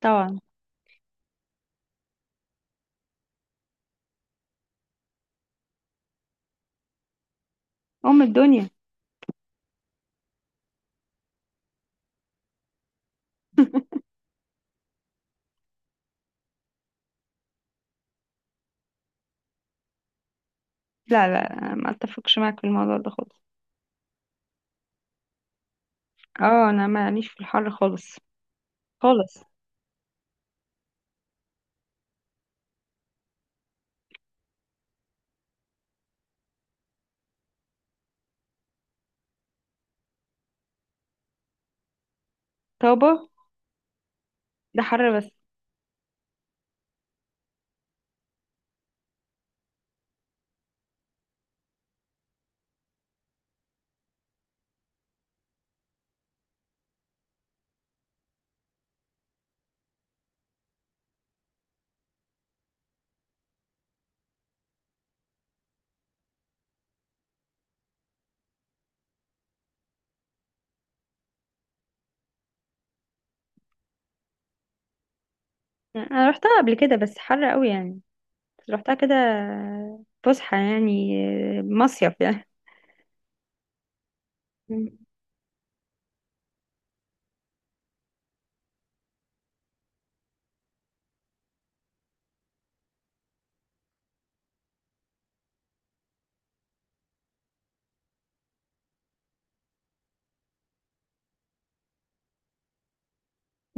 طبعا. ام الدنيا. لا لا، أنا ما اتفقش معاك في الموضوع ده خالص. اه، انا ماليش في الحر خالص. خالص. طابة، ده حر بس. انا رحتها قبل كده بس حر قوي يعني. بس رحتها كده، فسحة يعني، مصيف يعني. مم.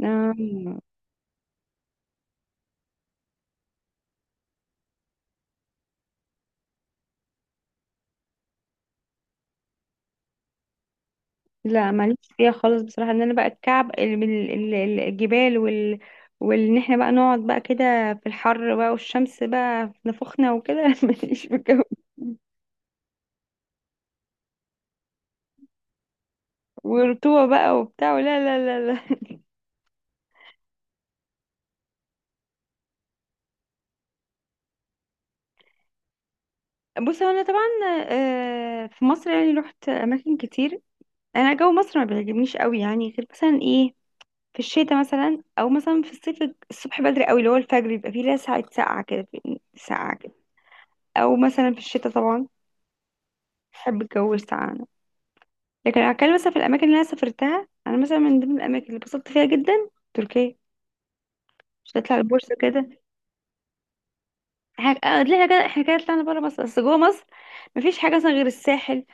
آم، لا ماليش فيها خالص بصراحة، ان انا بقى الكعب الجبال وال، وان احنا بقى نقعد بقى كده في الحر بقى والشمس بقى في نافوخنا وكده ماليش في الجو، ورطوبة بقى وبتاع. لا لا لا لا. بص، هو انا طبعا آه، في مصر يعني رحت اماكن كتير. انا جو مصر ما بيعجبنيش قوي يعني، غير مثلا ايه، في الشتاء مثلا او مثلا في الصيف، الصبح بدري قوي اللي هو الفجر بيبقى فيه لها ساعه ساقعه كده، ساقعه كده، او مثلا في الشتاء طبعا. بحب الجو الساقع انا. لكن لو هتكلم مثلا في الاماكن اللي انا سافرتها، انا مثلا من ضمن الاماكن اللي اتبسطت فيها جدا تركيا. مش هتطلع البورصه كده. احنا آه، ليه كده احنا كده طلعنا بره مصر؟ بس جوه مصر مفيش حاجه مثلا غير الساحل.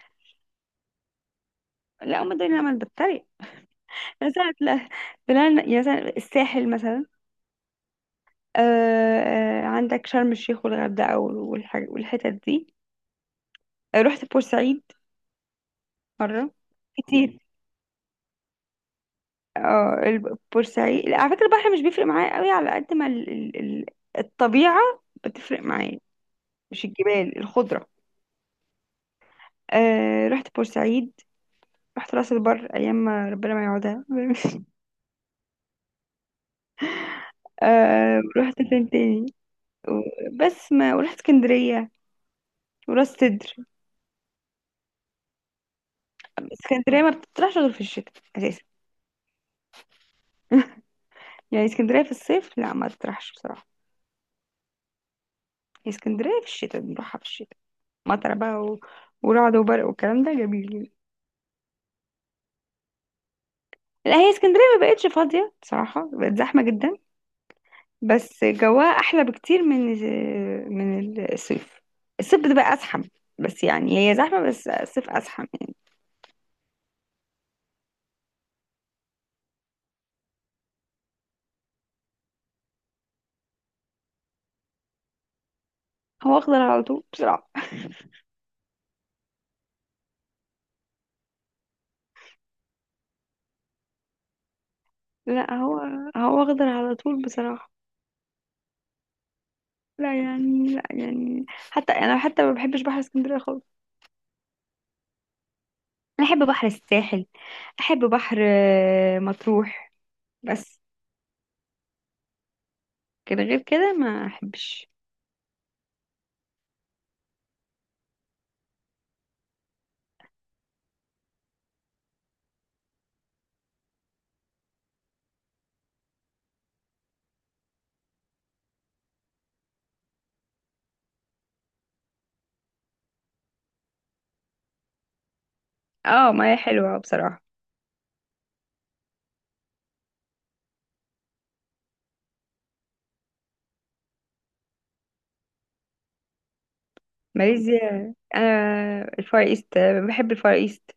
لا هم دول اللي انا مثلا، لا، بلان يعني مثلا الساحل مثلا. آه. آه، عندك شرم الشيخ والغردقة والحتت دي. آه، رحت بورسعيد مرة كتير. اه بورسعيد لا، على فكرة البحر مش بيفرق معايا قوي على قد ما الطبيعة بتفرق معايا. مش الجبال الخضرة. آه رحت بورسعيد. رحت راس البر أيام ما ربنا ما يعودها آه رحت فين تاني؟ بس ما ورحت اسكندرية وراس سدر. اسكندرية ما بتطرحش غير في الشتاء يعني. اسكندرية في الصيف لا ما تطرحش بصراحة. هي اسكندرية في الشتاء بنروحها في الشتاء، مطر بقى و... ورعد وبرق والكلام ده جميل. لا، هي اسكندرية ما بقتش فاضية بصراحة، بقت زحمة جدا. بس جواها أحلى بكتير من من الصيف. الصيف بتبقى أزحم. بس يعني هي زحمة بس الصيف أزحم يعني. هو أخضر على طول بصراحة. لا، هو أخضر على طول بصراحة. لا يعني لا يعني حتى أنا حتى ما بحبش بحر اسكندرية خالص. أنا أحب بحر الساحل. أحب بحر آه، مطروح بس. كان غير كده ما احبش. اه ما هي حلوة بصراحة. ماليزيا، انا الفار ايست، بحب الفار ايست.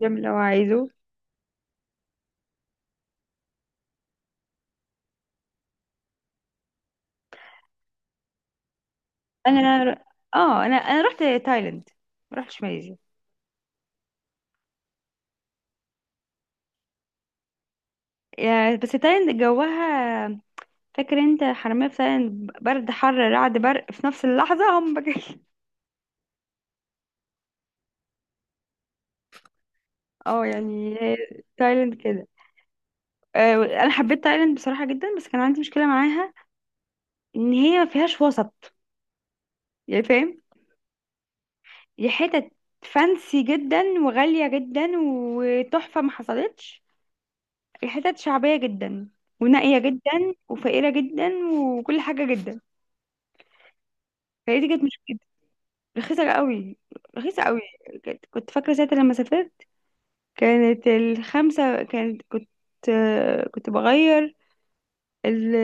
بيعمل اللي هو عايزه. انا اه، انا رحت تايلاند، ما رحتش ماليزيا. بس تايلاند جوها، فاكر انت، حرامية في تايلاند، برد حر رعد برق في نفس اللحظة، هم كده. اه يعني هي تايلاند كده. آه، انا حبيت تايلاند بصراحة جدا، بس كان عندي مشكلة معاها، ان هي ما فيهاش وسط، يعني فاهم. دي حتت فانسي جدا وغالية جدا وتحفة ما حصلتش، دي حتت شعبية جدا ونائية جدا وفقيرة جدا وكل حاجة جدا. فهي دي كانت مشكلة. رخيصة قوي، رخيصة قوي. كنت فاكرة ساعتها لما سافرت، كانت الخمسة كانت كنت بغير ال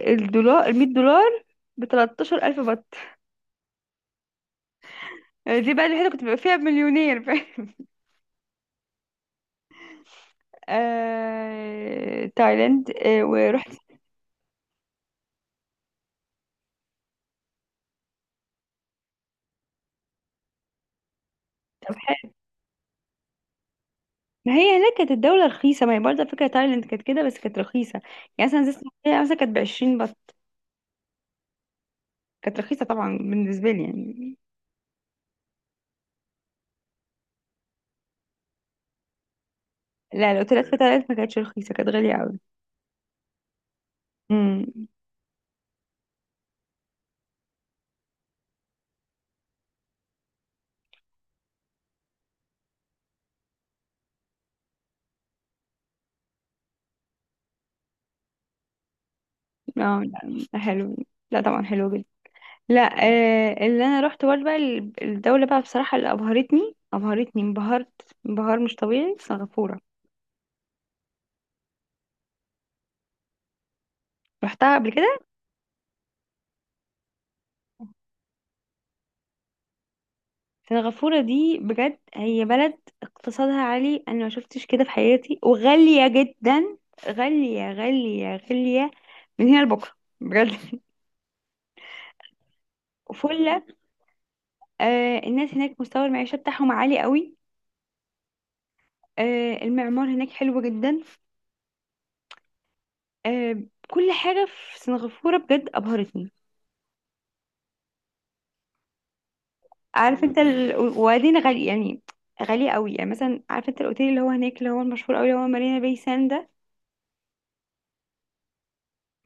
الدولار، $100 بتلاتاشر ألف بط. يعني دي بقى الوحيدة كنت ببقى فيها مليونير فاهم. آه... تايلاند. آه... ورحت. ما هي هناك كانت الدولة رخيصة، ما هي برضه فكرة تايلاند كانت كده بس، كانت رخيصة. يعني مثلا زي اسكندرية مثلا، كانت بعشرين بس، كانت رخيصة طبعا بالنسبة لي يعني. لا، الأوتيلات في تايلاند ما كانتش رخيصة، كانت غالية أوي. امم. اه. لا حلو. لا طبعا حلو جدا. لا، آه اللي أنا روحت برضه بقى الدولة بقى بصراحة اللي أبهرتني، أبهرتني، انبهرت انبهار مش طبيعي، سنغافورة. رحتها قبل كده. سنغافورة دي بجد هي بلد اقتصادها عالي، انا ما شفتش كده في حياتي، وغالية جدا. غالية غالية غالية، من هنا لبكرة، بجد. وفلة. آه الناس هناك مستوى المعيشة بتاعهم عالي قوي. آه المعمار هناك حلو جدا. آه، كل حاجة في سنغافورة بجد أبهرتني. عارف انت ال... وبعدين غالي يعني، غالية قوي يعني. مثلا عارف انت الاوتيل اللي هو هناك اللي هو المشهور قوي اللي هو مارينا باي ساند؟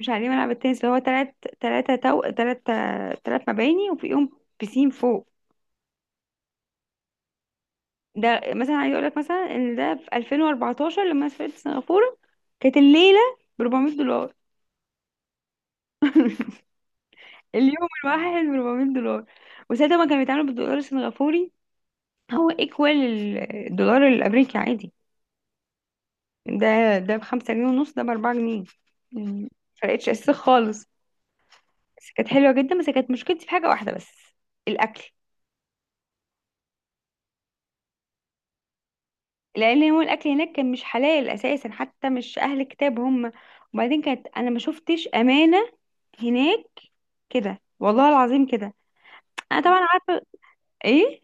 مش عليه ملعب التنس اللي هو تلات، تلاتة تو تلات، تلات مباني وفيهم بيسين فوق. ده مثلا عايز اقول لك مثلا ان ده في 2014 لما سافرت سنغافورة، كانت الليلة ب $400، اليوم الواحد ب $400. وساعتها ما كانوا بيتعاملوا بالدولار السنغافوري، هو ايكوال الدولار الامريكي عادي. ده بخمسة جنيه ونص، ده بأربعة جنيه. مم. فرقتش اساسا خالص. بس كانت حلوة جدا، بس كانت مشكلتي في حاجة واحدة بس، الأكل. لان هو الاكل هناك كان مش حلال اساسا، حتى مش اهل كتاب هم. وبعدين كانت، انا ما شفتش امانه هناك كده، والله العظيم كده. انا طبعا عارفه ايه.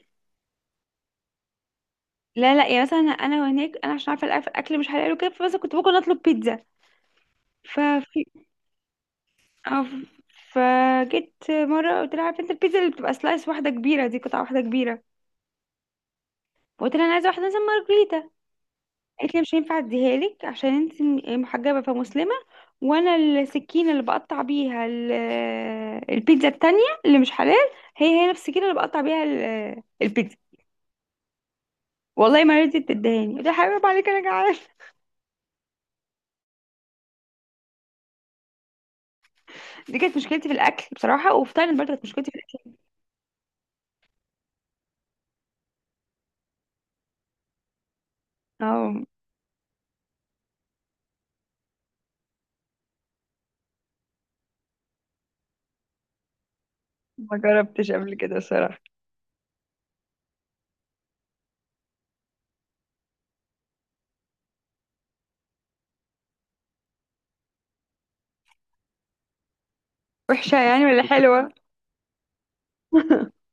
لا لا، يا مثلا انا هناك انا عشان عارفه الاكل مش حلال وكده، فبس كنت ممكن اطلب بيتزا. ففي أو- فجيت مره قلت لها عارفه انت البيتزا اللي بتبقى سلايس واحده كبيره دي قطعه واحده كبيره؟ قلت لها انا عايزه واحده مثلا مارجريتا. قالت لي مش هينفع اديها لك عشان انت محجبه فمسلمه، وانا السكينه اللي بقطع بيها البيتزا التانية اللي مش حلال، هي هي نفس السكينه اللي بقطع بيها البيتزا. والله ما رضيت تدهاني، قلت لها حبيبي عليك انا جعان. دي كانت مشكلتي في الاكل بصراحه، وفي تايلاند برضه كانت مشكلتي في الاكل. اه ما جربتش قبل كده صراحة. وحشة يعني ولا حلوة؟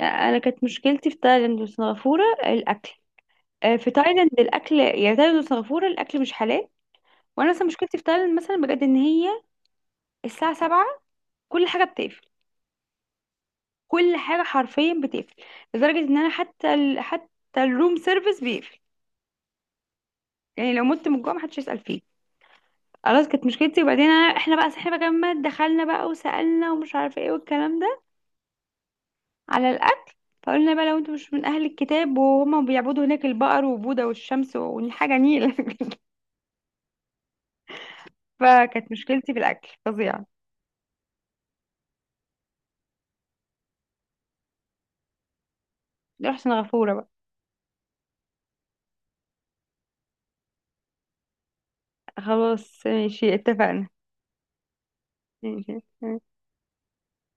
انا كانت مشكلتي في تايلاند وسنغافوره الاكل. آه، في تايلاند الاكل، يعني تايلاند وسنغافوره الاكل مش حلال. وانا مثلا مشكلتي في تايلاند مثلا بجد ان هي الساعة 7 كل حاجة بتقفل. كل حاجة حرفيا بتقفل، لدرجة ان انا حتى ال... حتى الروم سيرفيس بيقفل. يعني لو مت من الجوع محدش يسأل فيه. خلاص كانت مشكلتي. وبعدين أنا... احنا بقى صحينا بقى جنبنا دخلنا بقى وسألنا ومش عارفة ايه والكلام ده على الأكل. فقلنا بقى لو انتوا مش من أهل الكتاب، وهما بيعبدوا هناك البقر وبوذا والشمس وحاجة نيلة فكانت مشكلتي في الأكل فظيعة. رحت سنغافورة بقى. خلاص ماشي، اتفقنا. ماشي.